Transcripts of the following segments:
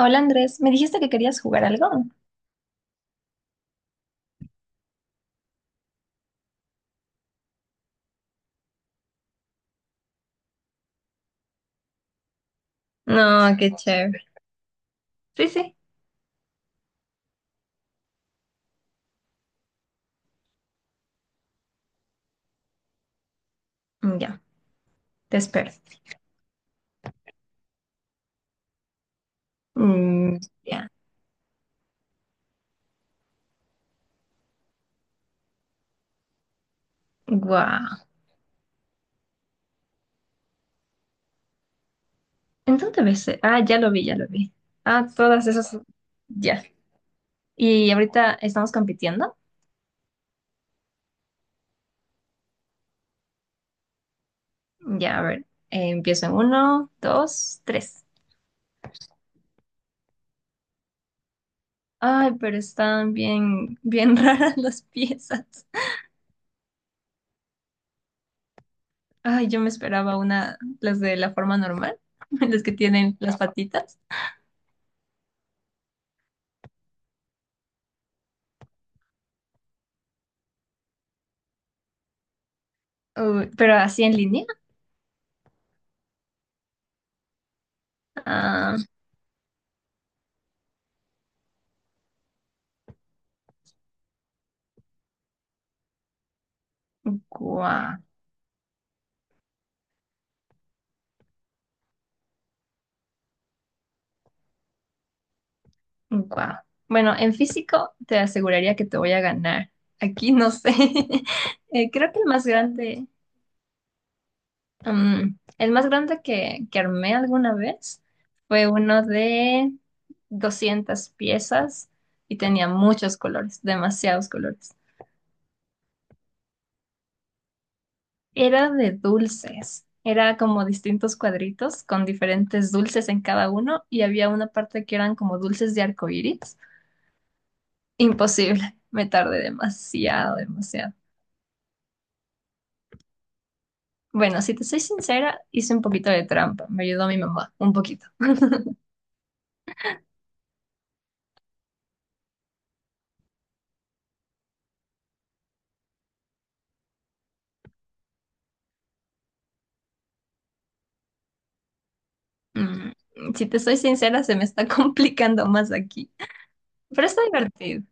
Hola Andrés, me dijiste que querías jugar algo. No, qué chévere. Sí, sí. Mm, ya, te espero. Mm, ya. Guau. ¿En dónde ves? Ah, ya lo vi, ya lo vi. Ah, todas esas. Ya. Y ahorita estamos compitiendo. Ya, a ver. Empiezo en uno, dos, tres. Ay, pero están bien, bien raras las piezas. Ay, yo me esperaba una, las de la forma normal, las que tienen las patitas. Uy, pero así en línea. Ah, guau. Wow. Bueno, en físico te aseguraría que te voy a ganar. Aquí no sé. Creo que el más grande, que armé alguna vez fue uno de 200 piezas y tenía muchos colores, demasiados colores. Era de dulces. Era como distintos cuadritos con diferentes dulces en cada uno y había una parte que eran como dulces de arcoíris. Imposible. Me tardé demasiado, demasiado. Bueno, si te soy sincera, hice un poquito de trampa. Me ayudó mi mamá, un poquito. Mm, si te soy sincera, se me está complicando más aquí. Pero está divertido.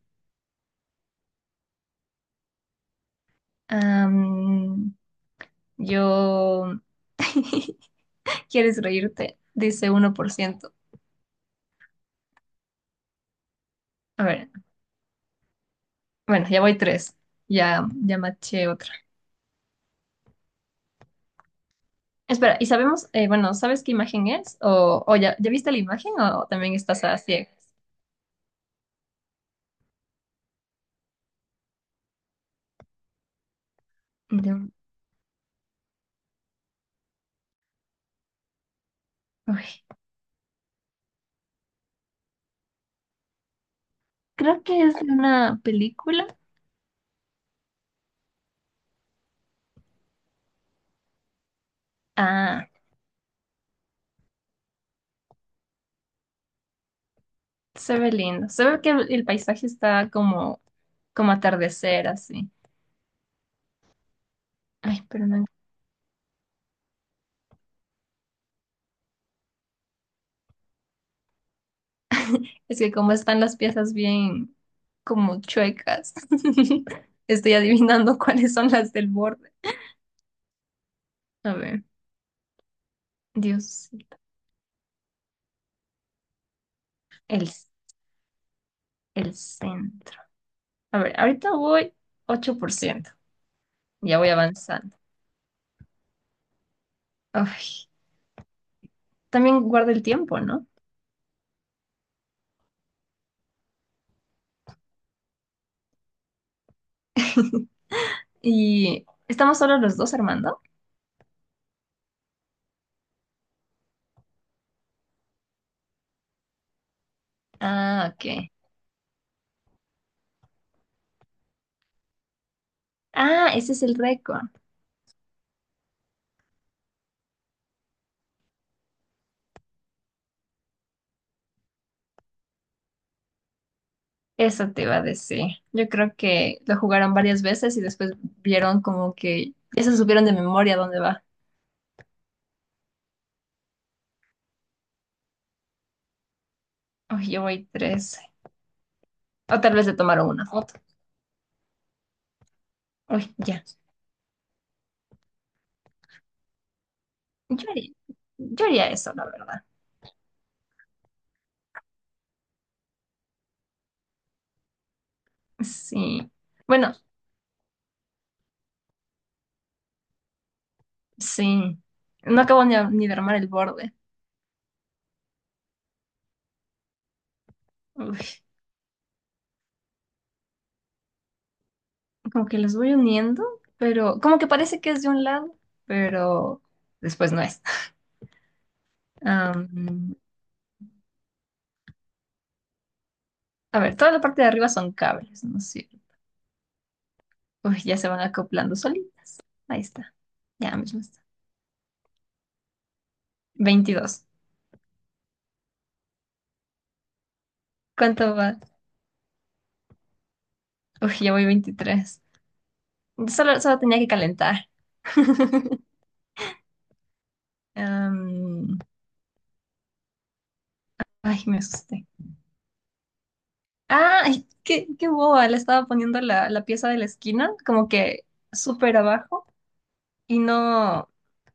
Am, yo... ¿Quieres reírte? Dice 1%. A ver, bueno, ya voy tres. Ya, ya maché otra. Espera, bueno, ¿sabes qué imagen es? ¿O ya, ya viste la imagen o también estás a ciegas? De un- Uy, creo que es de una película. Ah. Se ve lindo. Se ve que el paisaje está como atardecer, así. Ay, perdón. Es que como están las piezas bien como chuecas, estoy adivinando cuáles son las del borde. A ver, Dios, el, el centro. A ver, ahorita voy 8%. Ya voy avanzando. Ay, también guarda el tiempo, ¿no? Y estamos solo los dos, Armando. Ah, ok. Ah, ese es el récord. Eso te iba a decir. Yo creo que lo jugaron varias veces y después vieron como que ya se supieron de memoria dónde va. Uy, yo voy tres. O tal vez le tomaron una foto. Uy, ya. Yo haría, yo haría eso, la verdad. Sí. Bueno, sí. No acabo ni ni de armar el borde. Uy, como que los voy uniendo, pero como que parece que es de un lado, pero después no es. Am, a ver, toda la parte de arriba son cables, ¿no es cierto? Uy, ya se van acoplando solitos. Ahí está. Ya mismo está. 22. ¿Cuánto va? Uy, ya voy 23. Solo tenía que calentar. Am, ay, me asusté. Ah, ay, qué boba. Le estaba poniendo la pieza de la esquina, como que súper abajo, y no, o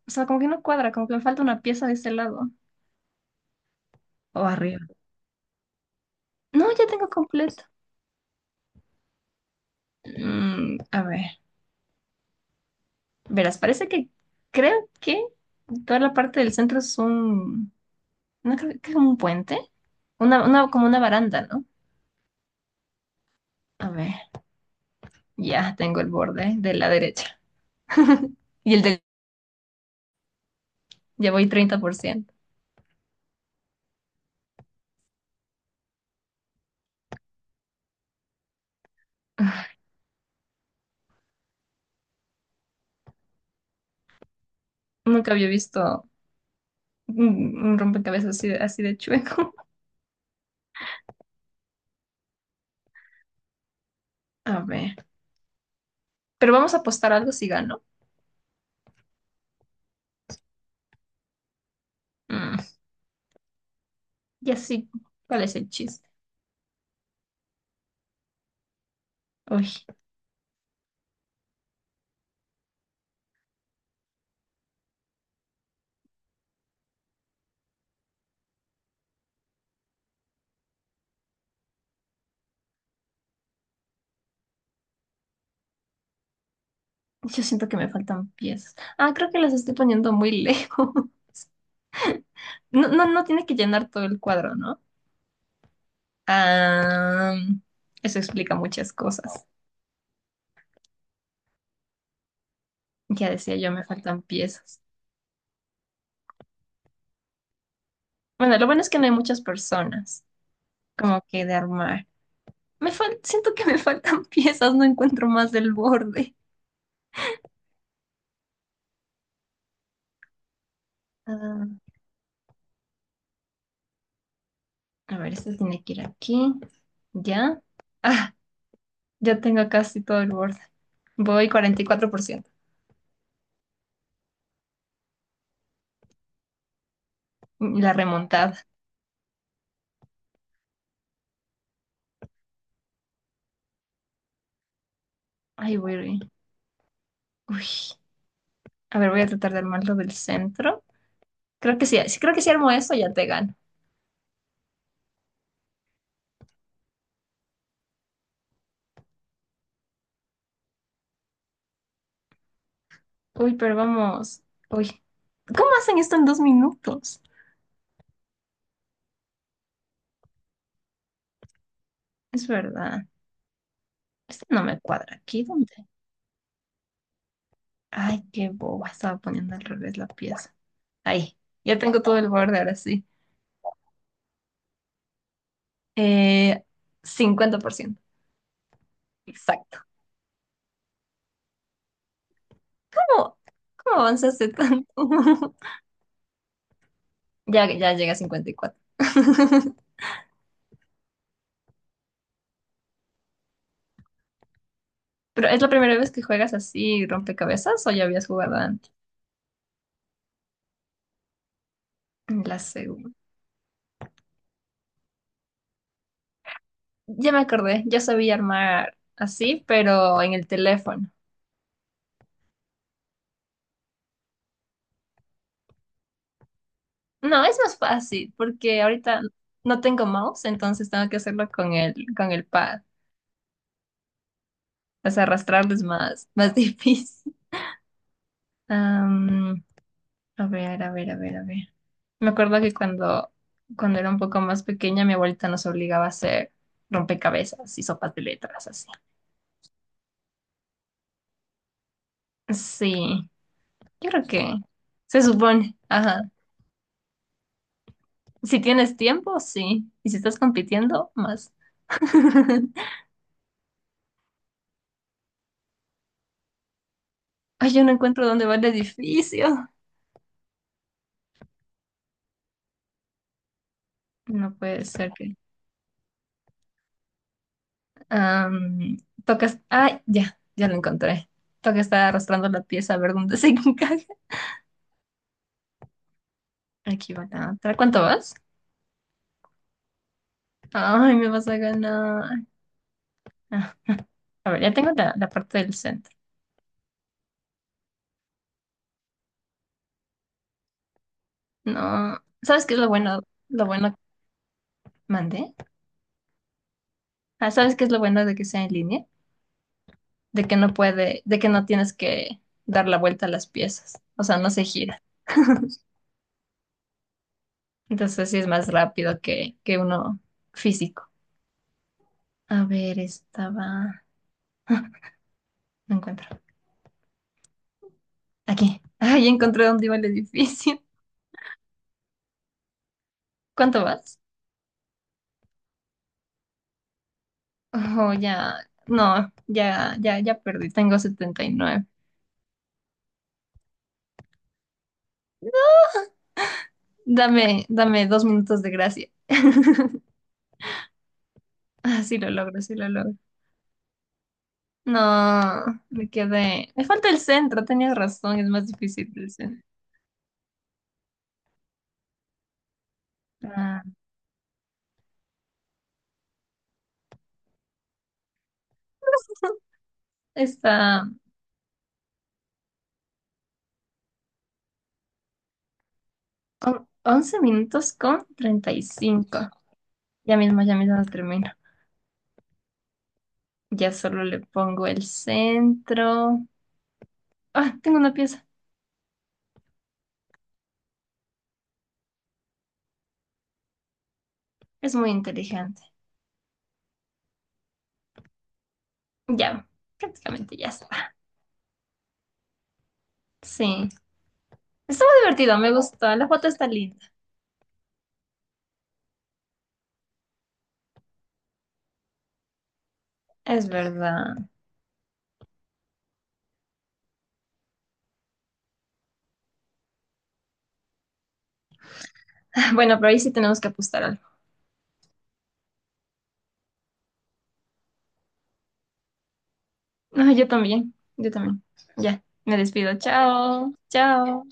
sea, como que no cuadra, como que me falta una pieza de ese lado o arriba. No, ya tengo completo. Mm, a ver, verás, parece que creo que toda la parte del centro. No creo que es un puente. Una, como una baranda, ¿no? A ver, ya tengo el borde de la derecha. Y el de... Ya voy 30%. Nunca había visto un, un rompecabezas así de chueco. A ver. Pero vamos a apostar algo si gano. Mm, ya sí. ¿Cuál es el chiste? Uy, yo siento que me faltan piezas. Ah, creo que las estoy poniendo muy lejos. No, no, no tiene que llenar todo el cuadro, ¿no? Ah, eso explica muchas cosas. Ya decía yo, me faltan piezas. Bueno, lo bueno es que no hay muchas personas como que de armar. Me fal- siento que me faltan piezas, no encuentro más del borde. Ah, a ver, este tiene que ir aquí. ¿Ya? Ah, ya tengo casi todo el borde. Voy 44%. Mm, la remontada. Ay, voy. Uy. A ver, voy a tratar de armarlo del centro. Creo que sí, sí, creo que si armo eso ya te gano. Uy, pero vamos. Uy. ¿Cómo hacen esto en 2 minutos? Es verdad. Este no me cuadra aquí. ¿Dónde? Ay, qué boba, estaba poniendo al revés la pieza. Ahí, ya tengo todo el borde ahora sí. Eh, 50%. Exacto. ¿Cómo, cómo avanzaste tanto? Ya, ya llega a 54. ¿Pero es la primera vez que juegas así rompecabezas o ya habías jugado antes? La segunda. Ya me acordé, yo sabía armar así, pero en el teléfono. No, es más fácil porque ahorita no tengo mouse, entonces tengo que hacerlo con el pad. O sea, arrastrarlo es más, más difícil. Am, a ver, a ver, a ver, a ver. Me acuerdo que cuando era un poco más pequeña, mi abuelita nos obligaba a hacer rompecabezas y sopas de letras, así. Sí, yo creo que se supone. Ajá. Si tienes tiempo, sí. Y si estás compitiendo, más. Ay, yo no encuentro dónde va el edificio. No puede ser que. Am, Tocas. Ah, ya, ya lo encontré. Toca estar arrastrando la pieza a ver dónde se encaja. Aquí va la otra. ¿Cuánto vas? Ay, me vas a ganar. Ah, a ver, ya tengo la parte del centro. No. ¿Sabes qué es lo bueno? Lo bueno que mandé. Ah, ¿sabes qué es lo bueno de que sea en línea? De que no puede, de que no tienes que dar la vuelta a las piezas. O sea, no se gira. Entonces sí es más rápido que uno físico. A ver, estaba. No encuentro. Aquí. Ay, encontré dónde iba el edificio. ¿Cuánto vas? Oh, ya. No, ya, ya, ya perdí. Tengo 79. Dame, dame 2 minutos de gracia. Ah, sí lo logro, sí lo logro. No, me quedé. Me falta el centro, tenías razón, es más difícil el centro. Ah, está 11 minutos con 35. Ya mismo termino. Ya solo le pongo el centro. Ah, tengo una pieza. Es muy inteligente. Ya, prácticamente ya está. Sí, estuvo divertido, me gustó. La foto está linda, es verdad. Bueno, pero ahí sí tenemos que apostar algo. No, yo también, yo también. Ya, me despido. Chao, chao.